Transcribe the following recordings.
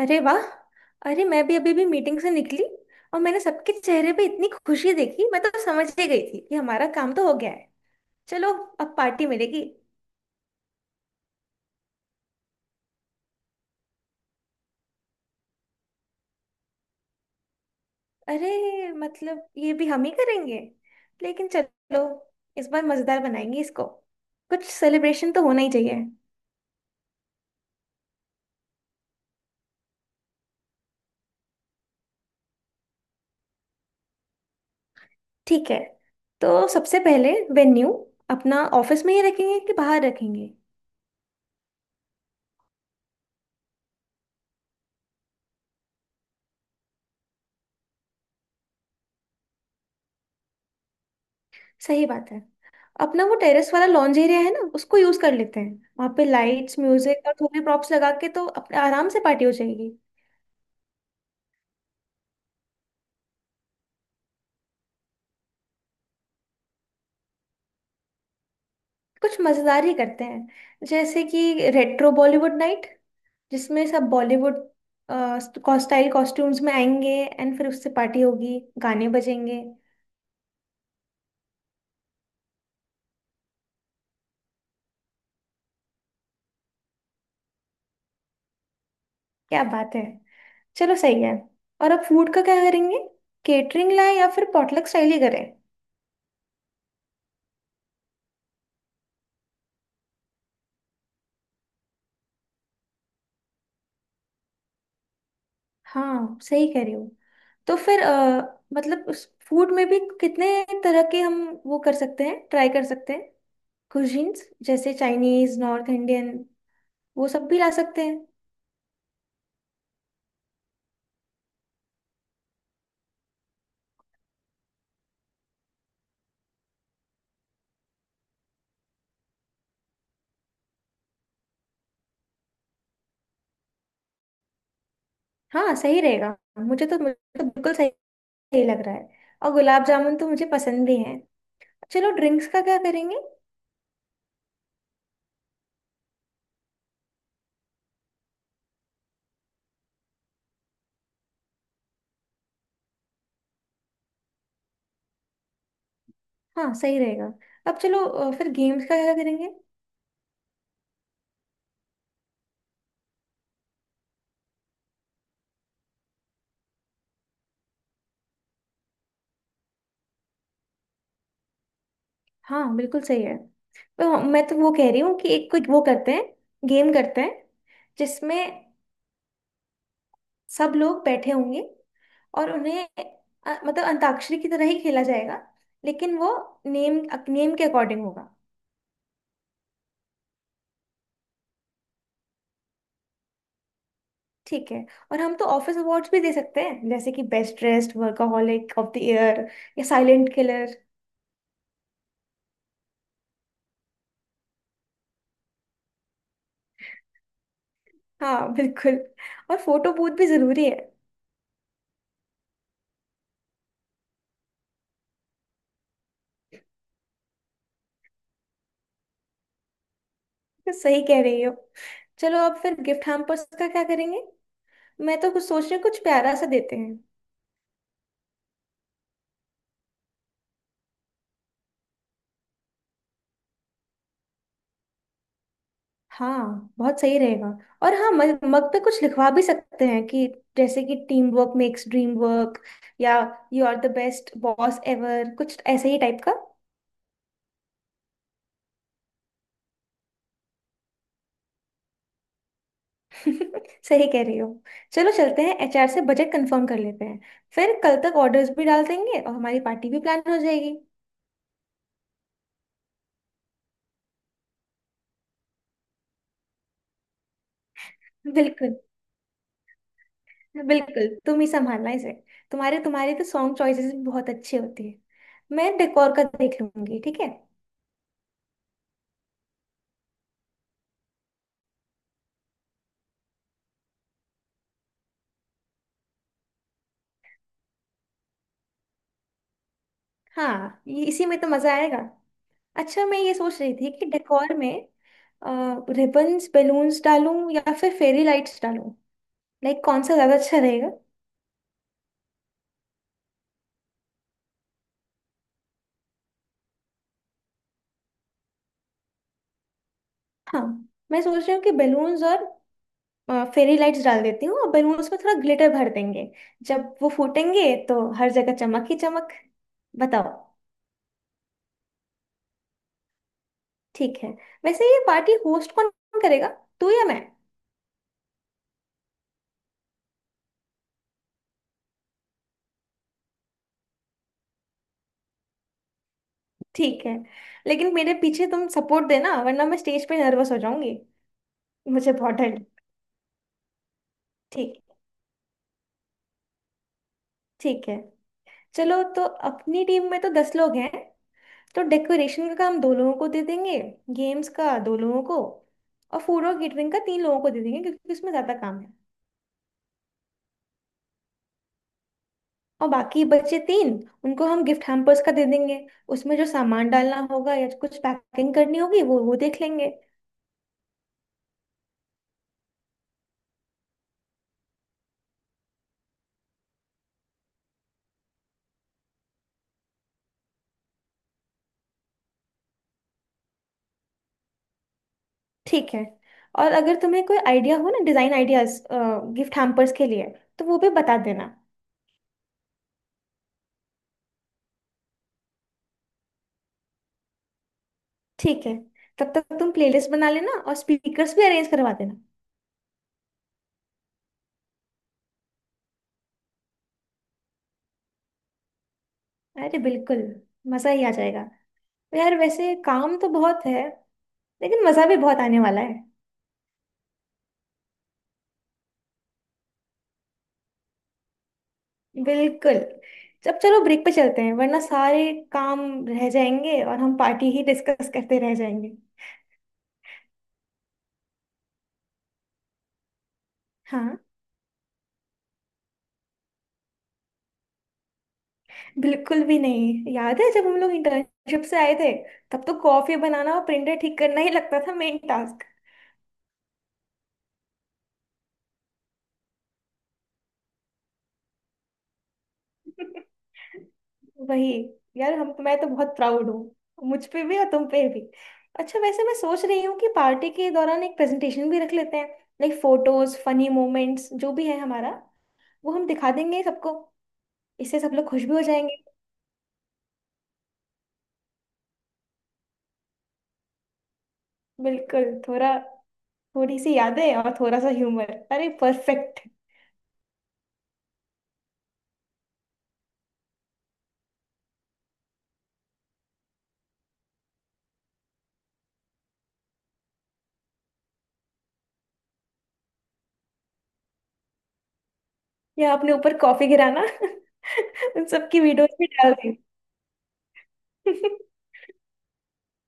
अरे वाह। अरे मैं भी अभी भी मीटिंग से निकली। और मैंने सबके चेहरे पे इतनी खुशी देखी, मैं तो समझ ही गई थी कि हमारा काम तो हो गया है। चलो अब पार्टी मिलेगी। अरे मतलब ये भी हम ही करेंगे। लेकिन चलो इस बार मजेदार बनाएंगे इसको। कुछ सेलिब्रेशन तो होना ही चाहिए। ठीक है। तो सबसे पहले वेन्यू अपना ऑफिस में ही रखेंगे कि बाहर रखेंगे? सही बात है। अपना वो टेरेस वाला लॉन्ज एरिया है ना, उसको यूज कर लेते हैं। वहां पे लाइट्स, म्यूजिक और थोड़ी प्रॉप्स लगा के तो अपने आराम से पार्टी हो जाएगी। कुछ मजेदार ही करते हैं, जैसे कि रेट्रो बॉलीवुड नाइट, जिसमें सब बॉलीवुड स्टाइल कॉस्ट्यूम्स में आएंगे। एंड फिर उससे पार्टी होगी, गाने बजेंगे। क्या बात है। चलो सही है। और अब फूड का क्या करेंगे? केटरिंग लाए या फिर पॉटलक स्टाइल ही करें? हाँ सही कह रहे हो। तो फिर मतलब उस फूड में भी कितने तरह के हम वो कर सकते हैं, ट्राई कर सकते हैं। कुजीन्स जैसे चाइनीज, नॉर्थ इंडियन, वो सब भी ला सकते हैं। हाँ सही रहेगा। मुझे तो बिल्कुल सही, सही लग रहा है। और गुलाब जामुन तो मुझे पसंद भी है। चलो ड्रिंक्स का क्या करेंगे? हाँ सही रहेगा। अब चलो फिर गेम्स का क्या करेंगे? हाँ बिल्कुल सही है। तो मैं तो वो कह रही हूँ कि एक कुछ वो करते हैं, गेम करते हैं जिसमें सब लोग बैठे होंगे और उन्हें मतलब अंताक्षरी की तरह ही खेला जाएगा, लेकिन वो नेम नेम के अकॉर्डिंग होगा। ठीक है। और हम तो ऑफिस अवार्ड्स भी दे सकते हैं, जैसे कि best dressed workaholic of the year या साइलेंट किलर। हाँ बिल्कुल। और फोटो बूथ भी जरूरी है। तो सही कह रही हो। चलो अब फिर गिफ्ट हैम्पर्स का क्या करेंगे? मैं तो कुछ सोच रही हूँ, कुछ प्यारा सा देते हैं। हाँ बहुत सही रहेगा। और हाँ, मग मग पे कुछ लिखवा भी सकते हैं कि जैसे कि team work makes dream work, या you are the best boss ever, कुछ ऐसे ही टाइप का। सही कह रही हो। चलो चलते हैं, एचआर से बजट कंफर्म कर लेते हैं। फिर कल तक ऑर्डर्स भी डाल देंगे और हमारी पार्टी भी प्लान हो जाएगी। बिल्कुल। बिल्कुल तुम ही संभालना इसे। तुम्हारे तुम्हारे तो सॉन्ग चॉइसेस भी बहुत अच्छी होती है। मैं डेकोर का देख लूंगी, ठीक है। हाँ इसी में तो मजा आएगा। अच्छा मैं ये सोच रही थी कि डेकोर में रिबन्स, बलून्स डालूं या फिर फेरी लाइट्स डालूं? लाइक कौन सा ज्यादा अच्छा रहेगा? हाँ मैं सोच रही हूँ कि बलून्स और फेरी लाइट्स डाल देती हूँ, और बलून्स में थोड़ा ग्लिटर भर देंगे। जब वो फूटेंगे तो हर जगह चमक ही चमक। बताओ। ठीक है। वैसे ये पार्टी होस्ट कौन करेगा, तू या मैं? ठीक है। लेकिन मेरे पीछे तुम सपोर्ट देना वरना मैं स्टेज पे नर्वस हो जाऊंगी। मुझे बहुत डर। ठीक ठीक है। चलो तो अपनी टीम में तो 10 लोग हैं। तो डेकोरेशन का काम दो लोगों को दे देंगे, गेम्स का दो लोगों को, और फूड और केटरिंग का तीन लोगों को दे देंगे क्योंकि उसमें ज्यादा काम है। और बाकी बचे तीन, उनको हम गिफ्ट हैम्पर्स का दे देंगे। उसमें जो सामान डालना होगा या कुछ पैकिंग करनी होगी वो देख लेंगे। ठीक है। और अगर तुम्हें कोई आइडिया हो ना, डिजाइन आइडियाज गिफ्ट हैम्पर्स के लिए, तो वो भी बता देना। ठीक है। तब तक तुम प्लेलिस्ट बना लेना और स्पीकर्स भी अरेंज करवा देना। अरे बिल्कुल। मजा ही आ जाएगा। यार वैसे काम तो बहुत है, लेकिन मजा भी बहुत आने वाला है। बिल्कुल। जब चलो ब्रेक पे चलते हैं, वरना सारे काम रह जाएंगे और हम पार्टी ही डिस्कस करते रह जाएंगे। हाँ बिल्कुल भी नहीं। याद है जब हम लोग इंटर्नशिप से आए थे, तब तो कॉफी बनाना और प्रिंटर ठीक करना ही लगता था मेन टास्क। वही। यार हम, मैं तो बहुत प्राउड हूँ, मुझ पे भी और तुम पे भी। अच्छा वैसे मैं सोच रही हूँ कि पार्टी के दौरान एक प्रेजेंटेशन भी रख लेते हैं, लाइक फोटोज, फनी मोमेंट्स, जो भी है हमारा, वो हम दिखा देंगे सबको। इससे सब लोग खुश भी हो जाएंगे। बिल्कुल। थोड़ा थोड़ी सी यादें और थोड़ा सा ह्यूमर, अरे परफेक्ट। या अपने ऊपर कॉफी गिराना। उन सबकी वीडियोस भी डाल दी।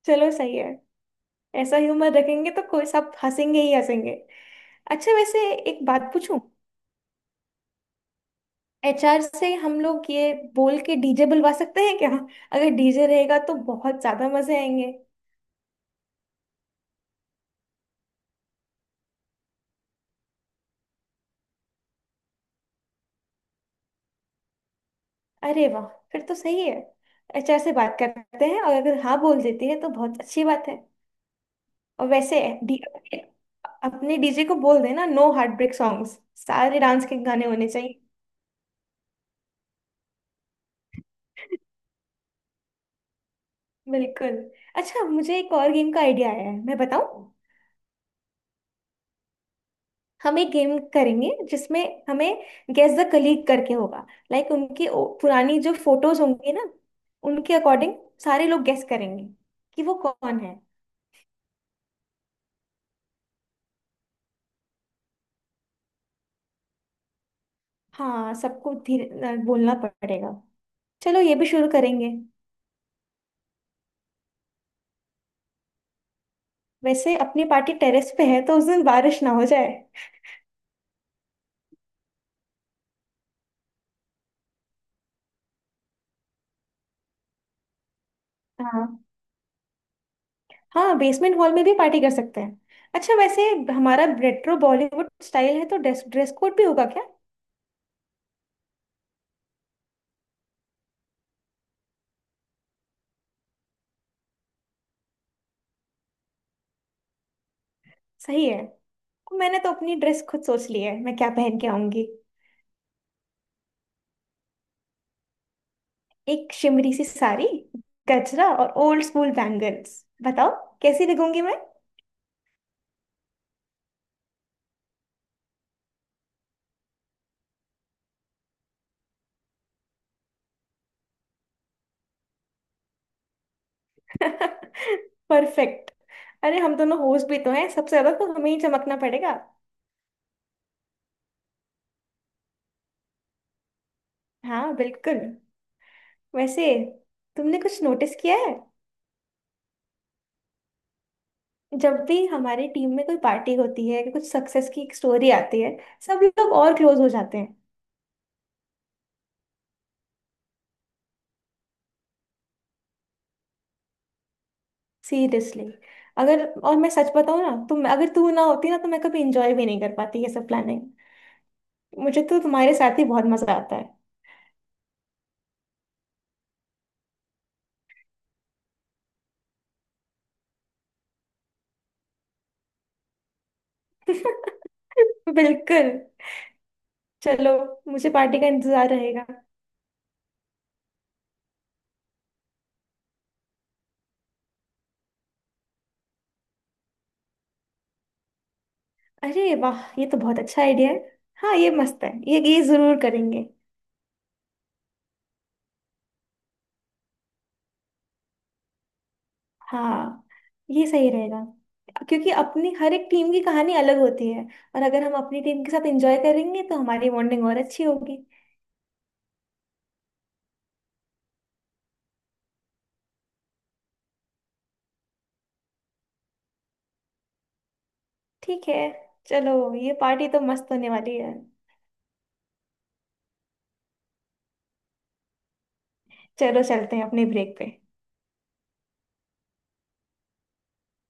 चलो सही है। ऐसा ह्यूमर रखेंगे तो कोई सब हंसेंगे ही हंसेंगे। अच्छा वैसे एक बात पूछूं? एचआर से हम लोग ये बोल के डीजे बुलवा सकते हैं क्या? अगर डीजे रहेगा तो बहुत ज्यादा मजे आएंगे। अरे वाह। फिर तो सही है। एचआर से बात करते हैं, और अगर हाँ बोल देती है तो बहुत अच्छी बात है। और वैसे अपने डीजे को बोल देना नो हार्ट ब्रेक सॉन्ग्स। सारे डांस के गाने होने चाहिए। बिल्कुल। अच्छा मुझे एक और गेम का आइडिया आया है, मैं बताऊं? हम एक गेम करेंगे जिसमें हमें गेस द कलीग करके होगा। लाइक उनकी पुरानी जो फोटोज होंगी ना, उनके अकॉर्डिंग सारे लोग गेस करेंगे कि वो कौन है। हाँ सबको धीरे बोलना पड़ेगा। चलो ये भी शुरू करेंगे। वैसे अपनी पार्टी टेरेस पे है, तो उस दिन बारिश ना हो जाए। हाँ, हाँ बेसमेंट हॉल में भी पार्टी कर सकते हैं। अच्छा वैसे हमारा रेट्रो बॉलीवुड स्टाइल है, तो ड्रेस ड्रेस कोड भी होगा क्या? सही है। मैंने तो अपनी ड्रेस खुद सोच ली है, मैं क्या पहन के आऊंगी। एक शिमरी सी साड़ी, गजरा और ओल्ड स्कूल बैंगल्स। बताओ कैसी दिखूंगी मैं? परफेक्ट। अरे हम दोनों होस्ट भी तो हैं, सबसे ज्यादा तो हमें ही चमकना पड़ेगा। हाँ बिल्कुल। वैसे तुमने कुछ नोटिस किया है? जब भी हमारी टीम में कोई पार्टी होती है, कुछ सक्सेस की एक स्टोरी आती है, सब लोग और क्लोज हो जाते हैं। सीरियसली। अगर और मैं सच बताऊं ना, तुम अगर तू ना होती ना तो मैं कभी एंजॉय भी नहीं कर पाती ये सब प्लानिंग। मुझे तो तुम्हारे साथ ही बहुत मजा आता है। बिल्कुल। चलो मुझे पार्टी का इंतजार रहेगा। अरे वाह ये तो बहुत अच्छा आइडिया है। हाँ ये मस्त है, ये जरूर करेंगे। हाँ ये सही रहेगा, क्योंकि अपनी हर एक टीम की कहानी अलग होती है। और अगर हम अपनी टीम के साथ एंजॉय करेंगे तो हमारी बॉन्डिंग और अच्छी होगी। ठीक है। चलो ये पार्टी तो मस्त होने वाली है। चलो चलते हैं अपने ब्रेक पे।